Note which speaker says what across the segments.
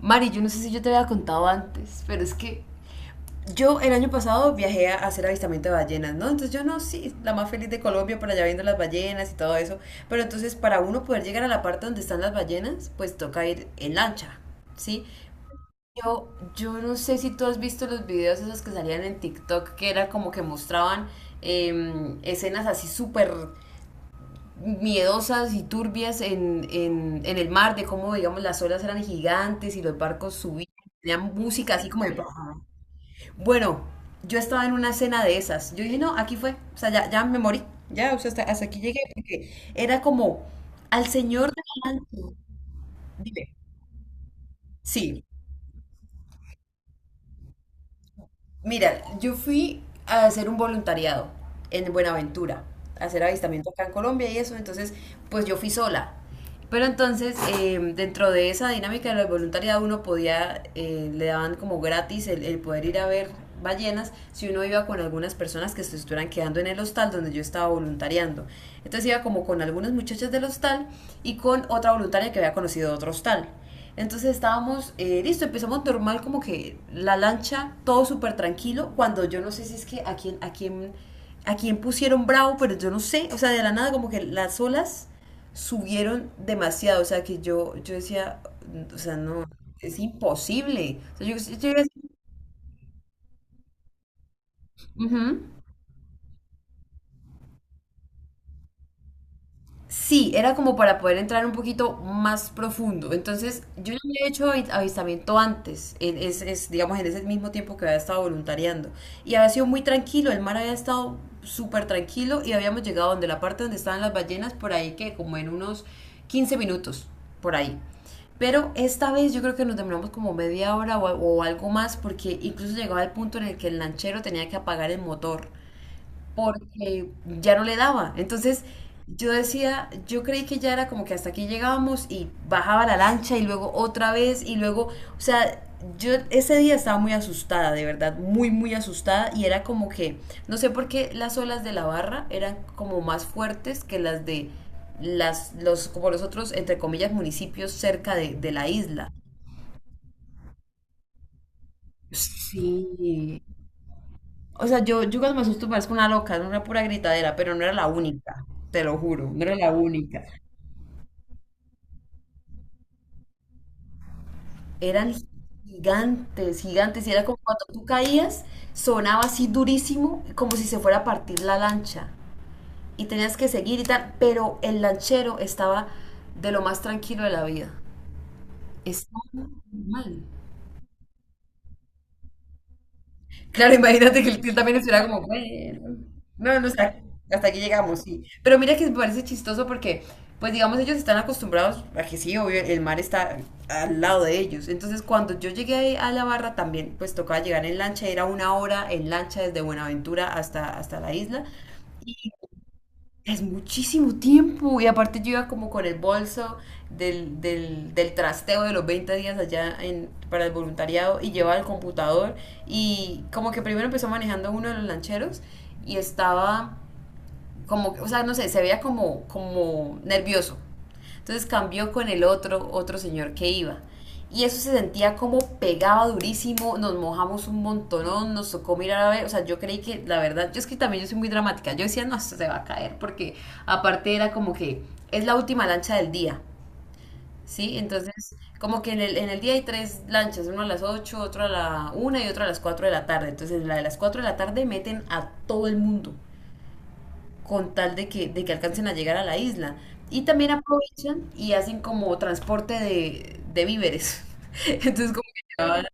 Speaker 1: Mari, yo no sé si yo te había contado antes, pero es que yo el año pasado viajé a hacer avistamiento de ballenas, ¿no? Entonces yo no, sí, la más feliz de Colombia por allá viendo las ballenas y todo eso. Pero entonces, para uno poder llegar a la parte donde están las ballenas, pues toca ir en lancha, ¿sí? yo, yo no sé si tú has visto los videos esos que salían en TikTok, que era como que mostraban escenas así súper miedosas y turbias en el mar, de cómo, digamos, las olas eran gigantes y los barcos subían, tenían música así como de... Bueno, yo estaba en una cena de esas. Yo dije, no, aquí fue, o sea, ya, ya me morí, ya, o sea, hasta aquí llegué, porque era como al señor de la lancha, dime, sí. Mira, yo fui a hacer un voluntariado en Buenaventura, a hacer avistamiento acá en Colombia y eso, entonces pues yo fui sola. Pero entonces, dentro de esa dinámica del voluntariado, uno podía, le daban como gratis el poder ir a ver ballenas si uno iba con algunas personas que se estuvieran quedando en el hostal donde yo estaba voluntariando. Entonces iba como con algunas muchachas del hostal y con otra voluntaria que había conocido de otro hostal. Entonces estábamos, listo, empezamos normal, como que la lancha, todo súper tranquilo, cuando yo no sé si es que a quién pusieron bravo, pero yo no sé, o sea, de la nada como que las olas subieron demasiado, o sea, que yo decía, o sea, no, es imposible. O sea, yo iba ujú. Sí, era como para poder entrar un poquito más profundo. Entonces, yo ya había hecho avistamiento antes, en, digamos, en ese mismo tiempo que había estado voluntariando. Y había sido muy tranquilo, el mar había estado súper tranquilo y habíamos llegado donde la parte donde estaban las ballenas, por ahí que como en unos 15 minutos, por ahí. Pero esta vez yo creo que nos demoramos como media hora o algo más, porque incluso llegaba el punto en el que el lanchero tenía que apagar el motor porque ya no le daba. Entonces yo decía, yo creí que ya era como que hasta aquí llegábamos, y bajaba la lancha y luego otra vez y luego, o sea, yo ese día estaba muy asustada, de verdad, muy, muy asustada, y era como que no sé por qué las olas de la barra eran como más fuertes que las de las, los, como los otros, entre comillas, municipios cerca de la isla. Sí. O sea, yo cuando me asusto parezco una loca, era una pura gritadera, pero no era la única, te lo juro, no era la única. Eran gigantes, gigantes, y era como cuando tú caías, sonaba así durísimo, como si se fuera a partir la lancha, y tenías que seguir y tal, pero el lanchero estaba de lo más tranquilo de la vida. Estaba normal. Claro, imagínate que el tío también estuviera como, bueno, no, no, o sea, hasta aquí llegamos, sí. Pero mira que me parece chistoso porque, pues digamos, ellos están acostumbrados a que sí, obvio, el mar está al lado de ellos. Entonces, cuando yo llegué ahí a la barra también, pues tocaba llegar en lancha, era una hora en lancha desde Buenaventura hasta, hasta la isla. Es muchísimo tiempo. Y aparte yo iba como con el bolso del trasteo de los 20 días allá en, para el voluntariado, y llevaba el computador. Y como que primero empezó manejando uno de los lancheros y estaba como, o sea, no sé, se veía como, como nervioso. Entonces cambió con el otro señor que iba. Y eso se sentía como pegaba durísimo, nos mojamos un montonón, nos tocó mirar a ver, o sea, yo creí que la verdad, yo es que también yo soy muy dramática, yo decía, no, esto se va a caer, porque aparte era como que es la última lancha del día, ¿sí? Entonces, como que en el día hay tres lanchas, una a las 8, otra a la 1 y otra a las 4 de la tarde. Entonces, en la de las 4 de la tarde meten a todo el mundo con tal de que alcancen a llegar a la isla. Y también aprovechan y hacen como transporte de, víveres. Entonces como que llevaban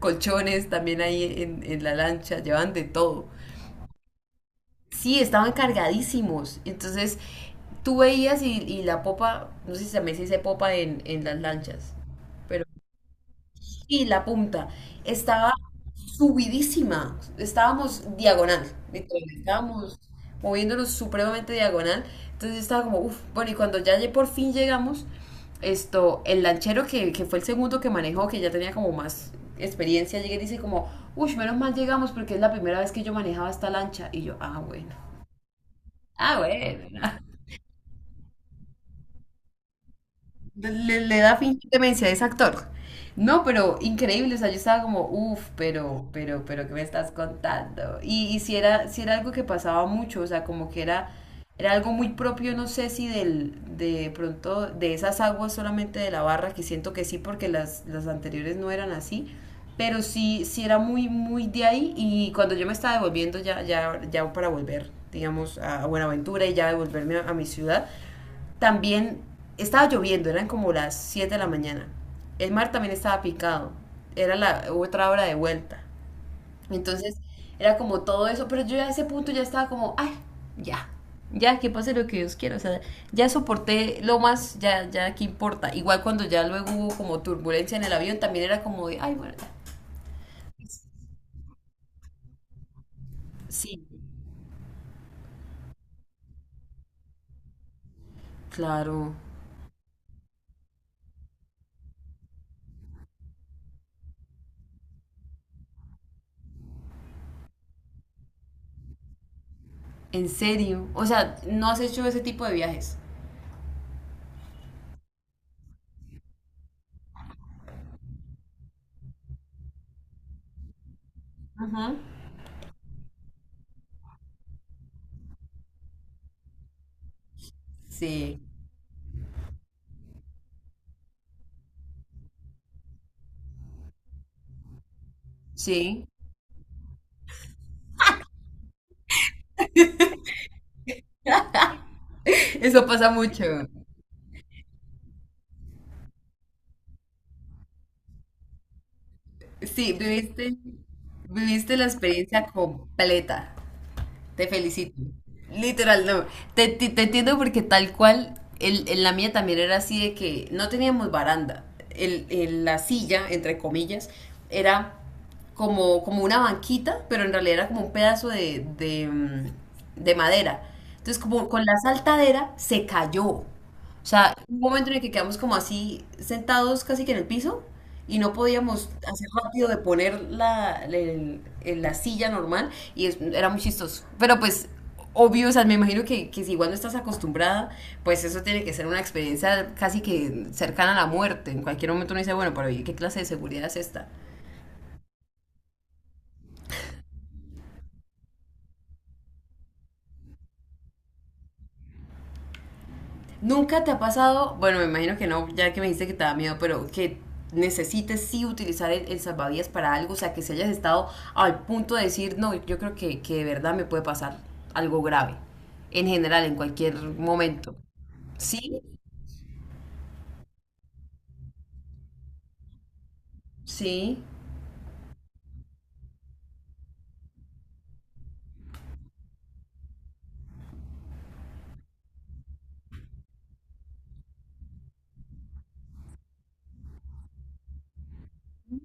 Speaker 1: colchones también ahí en la lancha, llevaban de todo. Sí, estaban cargadísimos. Entonces tú veías y la popa, no sé si también se dice popa en las lanchas, pero y la punta estaba subidísima, estábamos diagonal, literal, estábamos moviéndonos supremamente diagonal, entonces estaba como, uff, bueno, y cuando ya por fin llegamos, esto, el lanchero que fue el segundo que manejó, que ya tenía como más experiencia, llega y dice como, uff, menos mal llegamos porque es la primera vez que yo manejaba esta lancha, y yo, ah, bueno, ah, bueno. Le da fingir demencia, es actor. No, pero increíble, o sea, yo estaba como, uff, pero, ¿qué me estás contando? Y si era algo que pasaba mucho, o sea, como que era, era algo muy propio, no sé si del, de pronto, de esas aguas solamente de la barra, que siento que sí, porque las anteriores no eran así, pero sí, sí era muy, muy de ahí, y cuando yo me estaba devolviendo ya, ya, ya para volver, digamos, a Buenaventura, y ya devolverme a mi ciudad, también estaba lloviendo, eran como las 7 de la mañana. El mar también estaba picado, era la otra hora de vuelta. Entonces era como todo eso, pero yo a ese punto ya estaba como, ay, ya, ya que pase lo que Dios quiera, o sea, ya soporté lo más, ya, ya, ¿qué importa? Igual cuando ya luego hubo como turbulencia en el avión, también era como de, ay, bueno, ya". Sí, claro, en serio, o sea, ¿no has hecho ese tipo de viajes? Ajá. Sí, sí, eso pasa mucho. Sí, viviste, viviste la experiencia completa. Te felicito. Literal, no. Te, te entiendo porque tal cual, el, en la mía también era así de que no teníamos baranda. El, la silla, entre comillas, era como, como una banquita, pero en realidad era como un pedazo de, de madera. Entonces, como con la saltadera, se cayó. O sea, hubo un momento en el que quedamos como así sentados casi que en el piso y no podíamos hacer rápido de poner la, la silla normal y era muy chistoso. Pero pues obvio, o sea, me imagino que si igual no estás acostumbrada, pues eso tiene que ser una experiencia casi que cercana a la muerte. En cualquier momento uno dice, bueno, pero ¿y qué clase de seguridad es esta? ¿Nunca te ha pasado, bueno, me imagino que no, ya que me dijiste que te da miedo, pero que necesites sí utilizar el salvavidas para algo, o sea, que si hayas estado al punto de decir, no, yo creo que de verdad me puede pasar algo grave, en general, en cualquier momento. Sí, sí.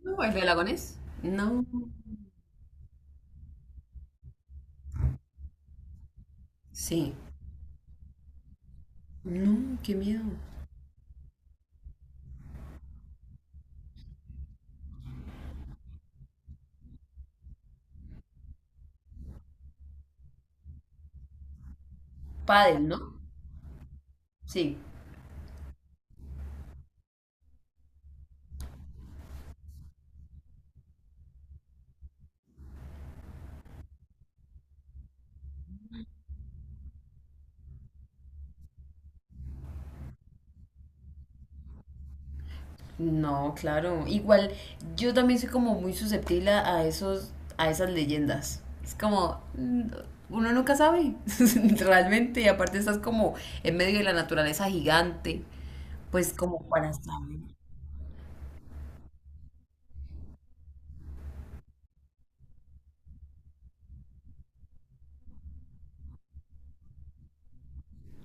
Speaker 1: No, ¿el de lagones? No, sí. No, qué miedo. Pádel, ¿no? Sí. No, claro. Igual, yo también soy como muy susceptible a esos, a esas leyendas. Es como, uno nunca sabe, realmente. Y aparte estás como en medio de la naturaleza gigante, pues como para saber.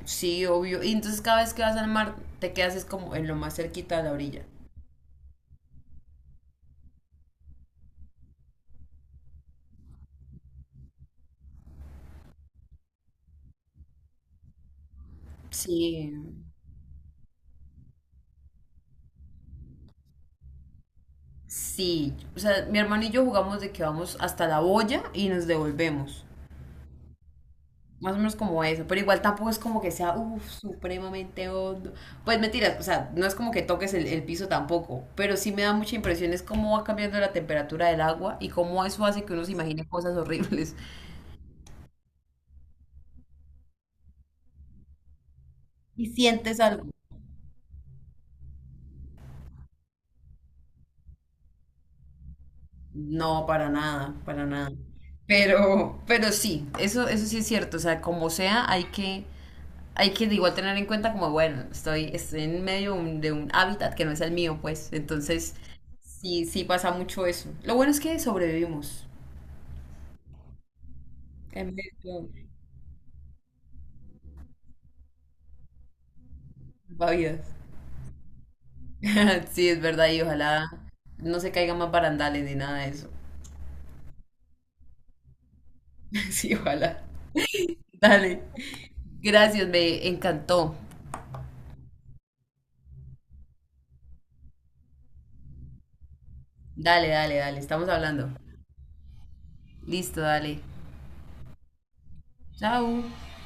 Speaker 1: Sí, obvio. Y entonces cada vez que vas al mar, te quedas es como en lo más cerquita de la orilla. Sí, sí. O sea, mi hermano y yo jugamos de que vamos hasta la boya y nos devolvemos. Más o menos como eso, pero igual tampoco es como que sea uf, supremamente hondo. Pues mentiras, o sea, no es como que toques el piso tampoco, pero sí me da mucha impresión es cómo va cambiando la temperatura del agua y cómo eso hace que uno se imagine cosas horribles. ¿Y sientes algo? No, para nada, para nada. Pero sí, eso sí es cierto, o sea, como sea, hay que igual tener en cuenta como, bueno, estoy en medio de un hábitat que no es el mío, pues, entonces sí, sí pasa mucho eso. Lo bueno es que sobrevivimos. En vez de salvavidas. Sí, es verdad, y ojalá no se caigan más barandales ni nada de eso. Sí, ojalá. Dale. Gracias, me encantó. Dale, dale, dale. Estamos hablando. Listo, dale. Chao.